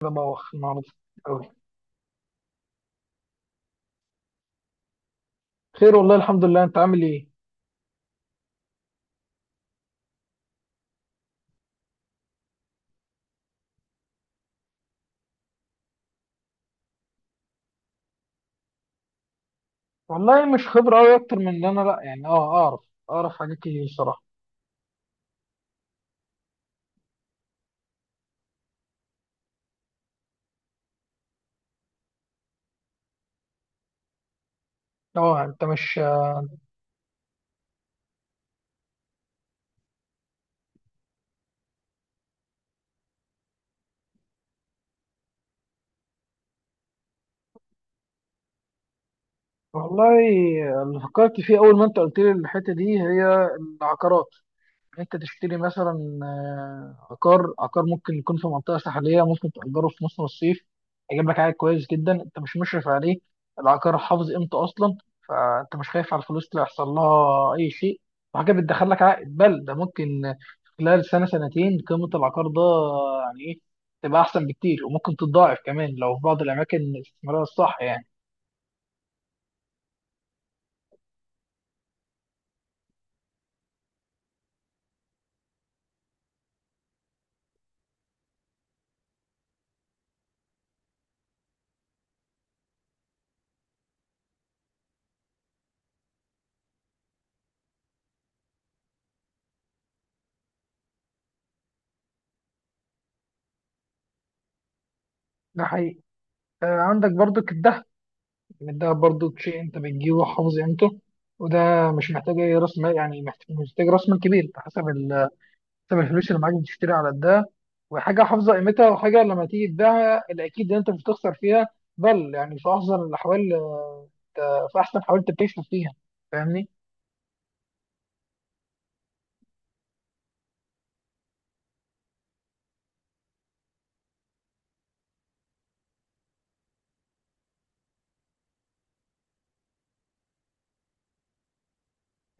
كده بوخ النهارده قوي. خير والله، الحمد لله. انت عامل ايه؟ والله مش خبره قوي اكتر من ان انا لا، يعني اعرف حاجات كتير الصراحه. اه انت مش والله، اللي فكرت فيه اول ما انت قلت لي الحته دي هي العقارات. انت تشتري مثلا، عقار ممكن يكون في منطقه ساحليه، ممكن تاجره في موسم الصيف، هيجيب لك عائد كويس جدا. انت مش مشرف عليه، العقار حافظ قيمته اصلا، فانت مش خايف على الفلوس اللي يحصل لها اي شيء. وحاجه بتدخل لك عائد، بل ده ممكن خلال سنه سنتين قيمه العقار ده، يعني ايه، تبقى احسن بكتير، وممكن تتضاعف كمان لو في بعض الاماكن الاستثماريه الصح يعني. ده حقيقي. عندك برضو الذهب، إن الدهب برضه شيء أنت بتجيبه حافظ قيمته. وده مش محتاج أي رأس مال، يعني مش محتاج رأس مال كبير. أنت حسب حسب الفلوس اللي معاك بتشتري على الدهب، وحاجة حافظة قيمتها. وحاجة لما تيجي تبيعها الأكيد إن أنت مش هتخسر فيها، بل يعني في أحسن الأحوال، أنت في أحسن حاول تكتشف فيها. فاهمني؟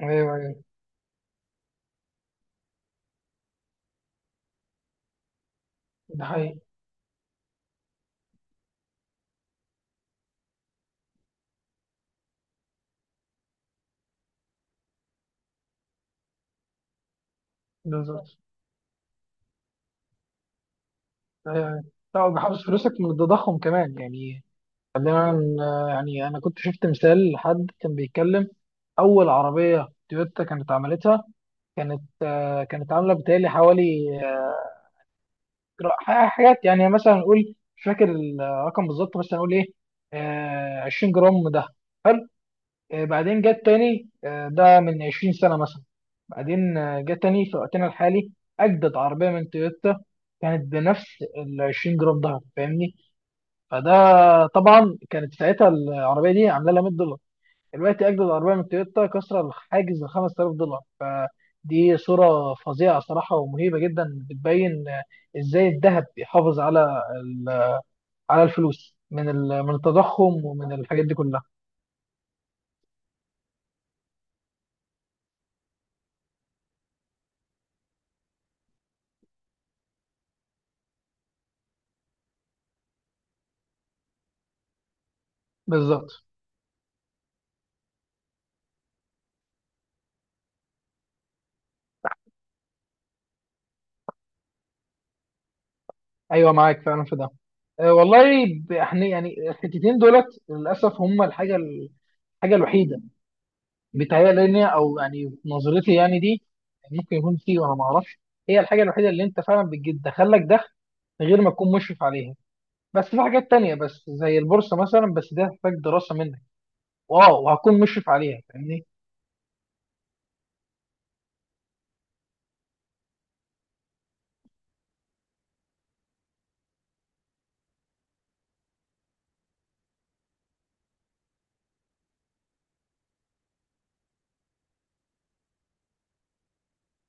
أيوه، أيوه. ده حقيقي. بالظبط. أيوه، أيوه. لا، وبيحافظ فلوسك من التضخم كمان يعني. خلينا ن- يعني أنا كنت شفت مثال لحد كان بيتكلم. أول عربية تويوتا كانت عملتها، كانت، كانت عامله بتهيألي حوالي، حاجات، يعني مثلا نقول مش فاكر الرقم بالظبط، بس هنقول ايه، 20 جرام ده، حلو. بعدين جه التاني، ده من 20 سنه مثلا. بعدين، جه التاني في وقتنا الحالي، اجدد عربيه من تويوتا كانت بنفس ال 20 جرام ده، فاهمني؟ فده، طبعا كانت ساعتها العربيه دي عامله لها $100، دلوقتي اجدد عربيه من تويوتا كسر الحاجز ال $5000. فدي صوره فظيعه صراحه، ومهيبه جدا، بتبين ازاي الذهب بيحافظ على على الفلوس من من التضخم، ومن الحاجات دي كلها. بالظبط. ايوه، معاك فعلا في ده. أه والله. احنا، يعني الحتتين دولت للاسف هم الحاجه الوحيده بيتهيألي لنا، او يعني في نظرتي، يعني دي ممكن يكون فيه وانا ما اعرفش، هي الحاجه الوحيده اللي انت فعلا بتدخل لك دخل غير ما تكون مشرف عليها. بس في حاجات تانية، بس زي البورصة مثلا، بس دي هتحتاج دراسة منك، واو وهكون مشرف عليها، فاهمني؟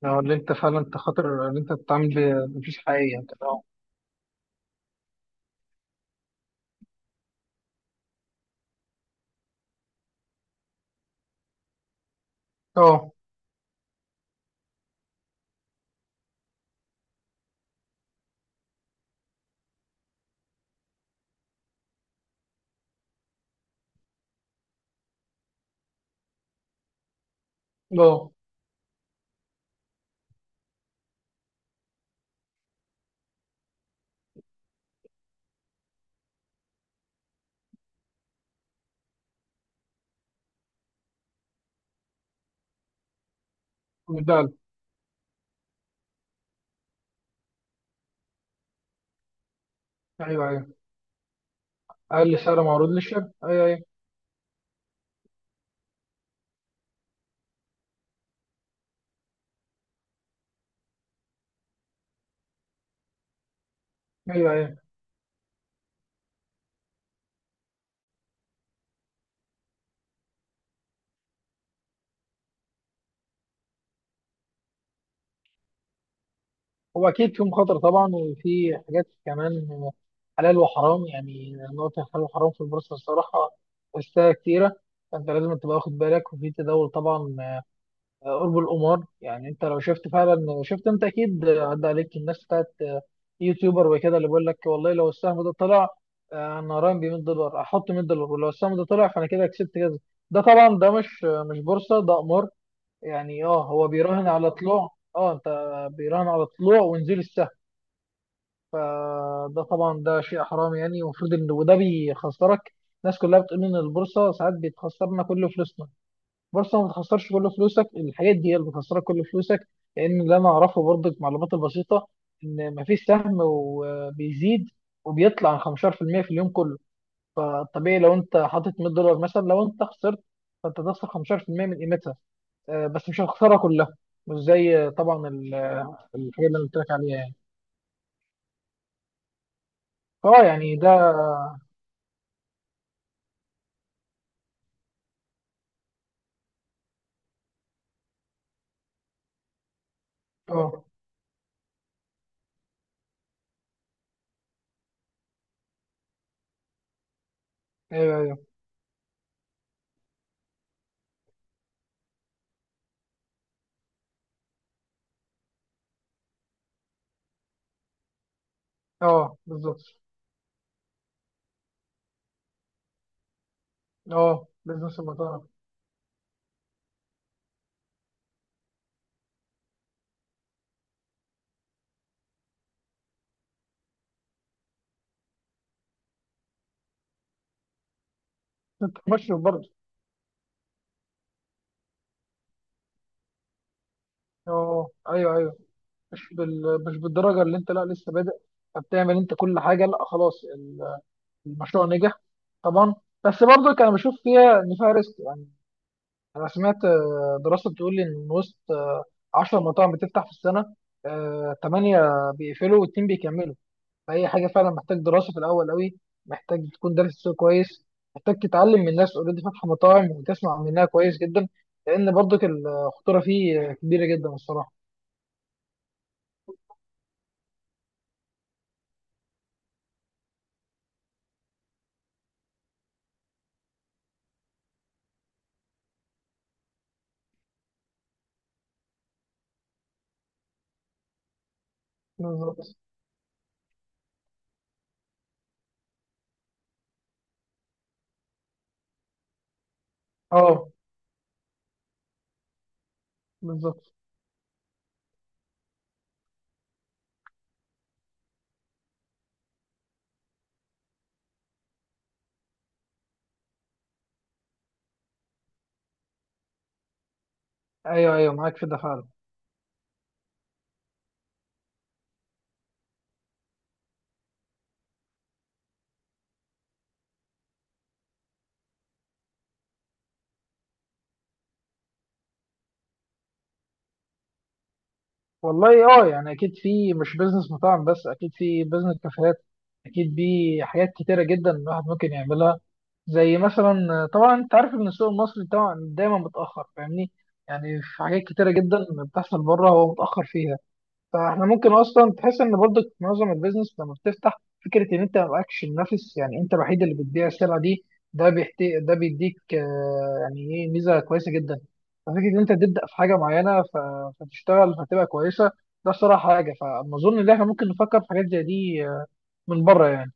لو اللي انت فعلا، انت خاطر، اللي انت بتتعامل بفلوس حقيقية، انت اه. اه. اه. بالدعم. ايوه، ايوه. اقل سعر معروض للشركة. ايوه، ايوه. ايوه، ايوه. هو اكيد في مخاطرة طبعا، وفي حاجات كمان حلال وحرام، يعني نقطة حلال وحرام في البورصة الصراحة، أشياء كتيرة. فأنت لازم تبقى واخد بالك. وفي تداول طبعا، قرب القمار، يعني انت لو شفت فعلا، شفت، انت اكيد عدى عليك الناس بتاعت، يوتيوبر وكده، اللي بيقول لك: والله لو السهم ده طلع، انا راهن ب $100، احط $100، ولو السهم ده طلع فانا كده كسبت كذا. ده طبعا ده مش بورصه، ده قمار. يعني اه، هو بيراهن على طلوع. اه انت، بيراهن على طلوع ونزول السهم. فده طبعا ده شيء حرام، يعني المفروض ان، وده بيخسرك. الناس كلها بتقول ان البورصه ساعات بتخسرنا كل فلوسنا. بورصة ما بتخسرش كل فلوسك، الحاجات دي هي اللي بتخسرك كل فلوسك. لأن اللي أنا أعرفه برضك، معلومات البسيطة، إن مفيش سهم وبيزيد وبيطلع عن 15% في المية في اليوم كله. فالطبيعي لو أنت حاطط $100 مثلا، لو أنت خسرت فأنت تخسر 15% من قيمتها. بس مش هتخسرها كلها، مش زي طبعا الحاجة اللي أنا قلت لك عليها يعني. فأه يعني ده. أه، أيوه، أيوه. أه بالظبط، أه بزنس المطاعم. أنت مشرف برضه. أه، أيوه، أيوه. مش بالدرجه اللي انت، لا، لسه بادئ، فبتعمل انت كل حاجه. لا، خلاص المشروع نجح طبعا. بس برضك انا بشوف فيها ان فيها ريسك يعني. انا سمعت، دراسه بتقول لي ان من وسط 10 مطاعم بتفتح في السنه، 8 بيقفلوا واثنين بيكملوا. فهي حاجه فعلا محتاج دراسه في الاول قوي، محتاج تكون دارس السوق كويس، محتاج تتعلم من ناس اوريدي فاتحه مطاعم وتسمع منها كويس جدا، لان برضك الخطوره فيه كبيره جدا الصراحه. بالظبط. اه بالظبط. ايوه، ايوه، معاك في ده فعلا. والله اه، يعني اكيد في مش بزنس مطاعم بس، اكيد في بزنس كافيهات، اكيد في حاجات كتيره جدا الواحد ممكن يعملها. زي مثلا طبعا، انت عارف ان السوق المصري طبعا دايما متاخر، فاهمني؟ يعني في حاجات كتيره جدا بتحصل بره هو متاخر فيها. فاحنا ممكن اصلا تحس ان برضك معظم البيزنس لما بتفتح، فكره ان انت ما معكش منافس، يعني انت الوحيد اللي بتبيع السلعه دي، ده بيحتي، ده بيديك، يعني ايه، ميزه كويسه جدا. ففكره ان انت تبدا في حاجه معينه فتشتغل فتبقى كويسه، ده الصراحه حاجه. فاظن ان احنا ممكن نفكر في حاجات زي دي، من بره يعني.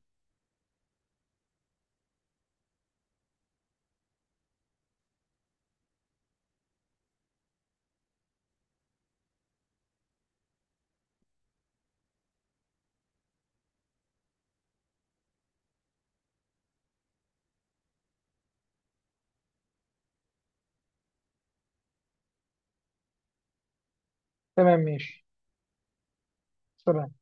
تمام، ماشي. سلام.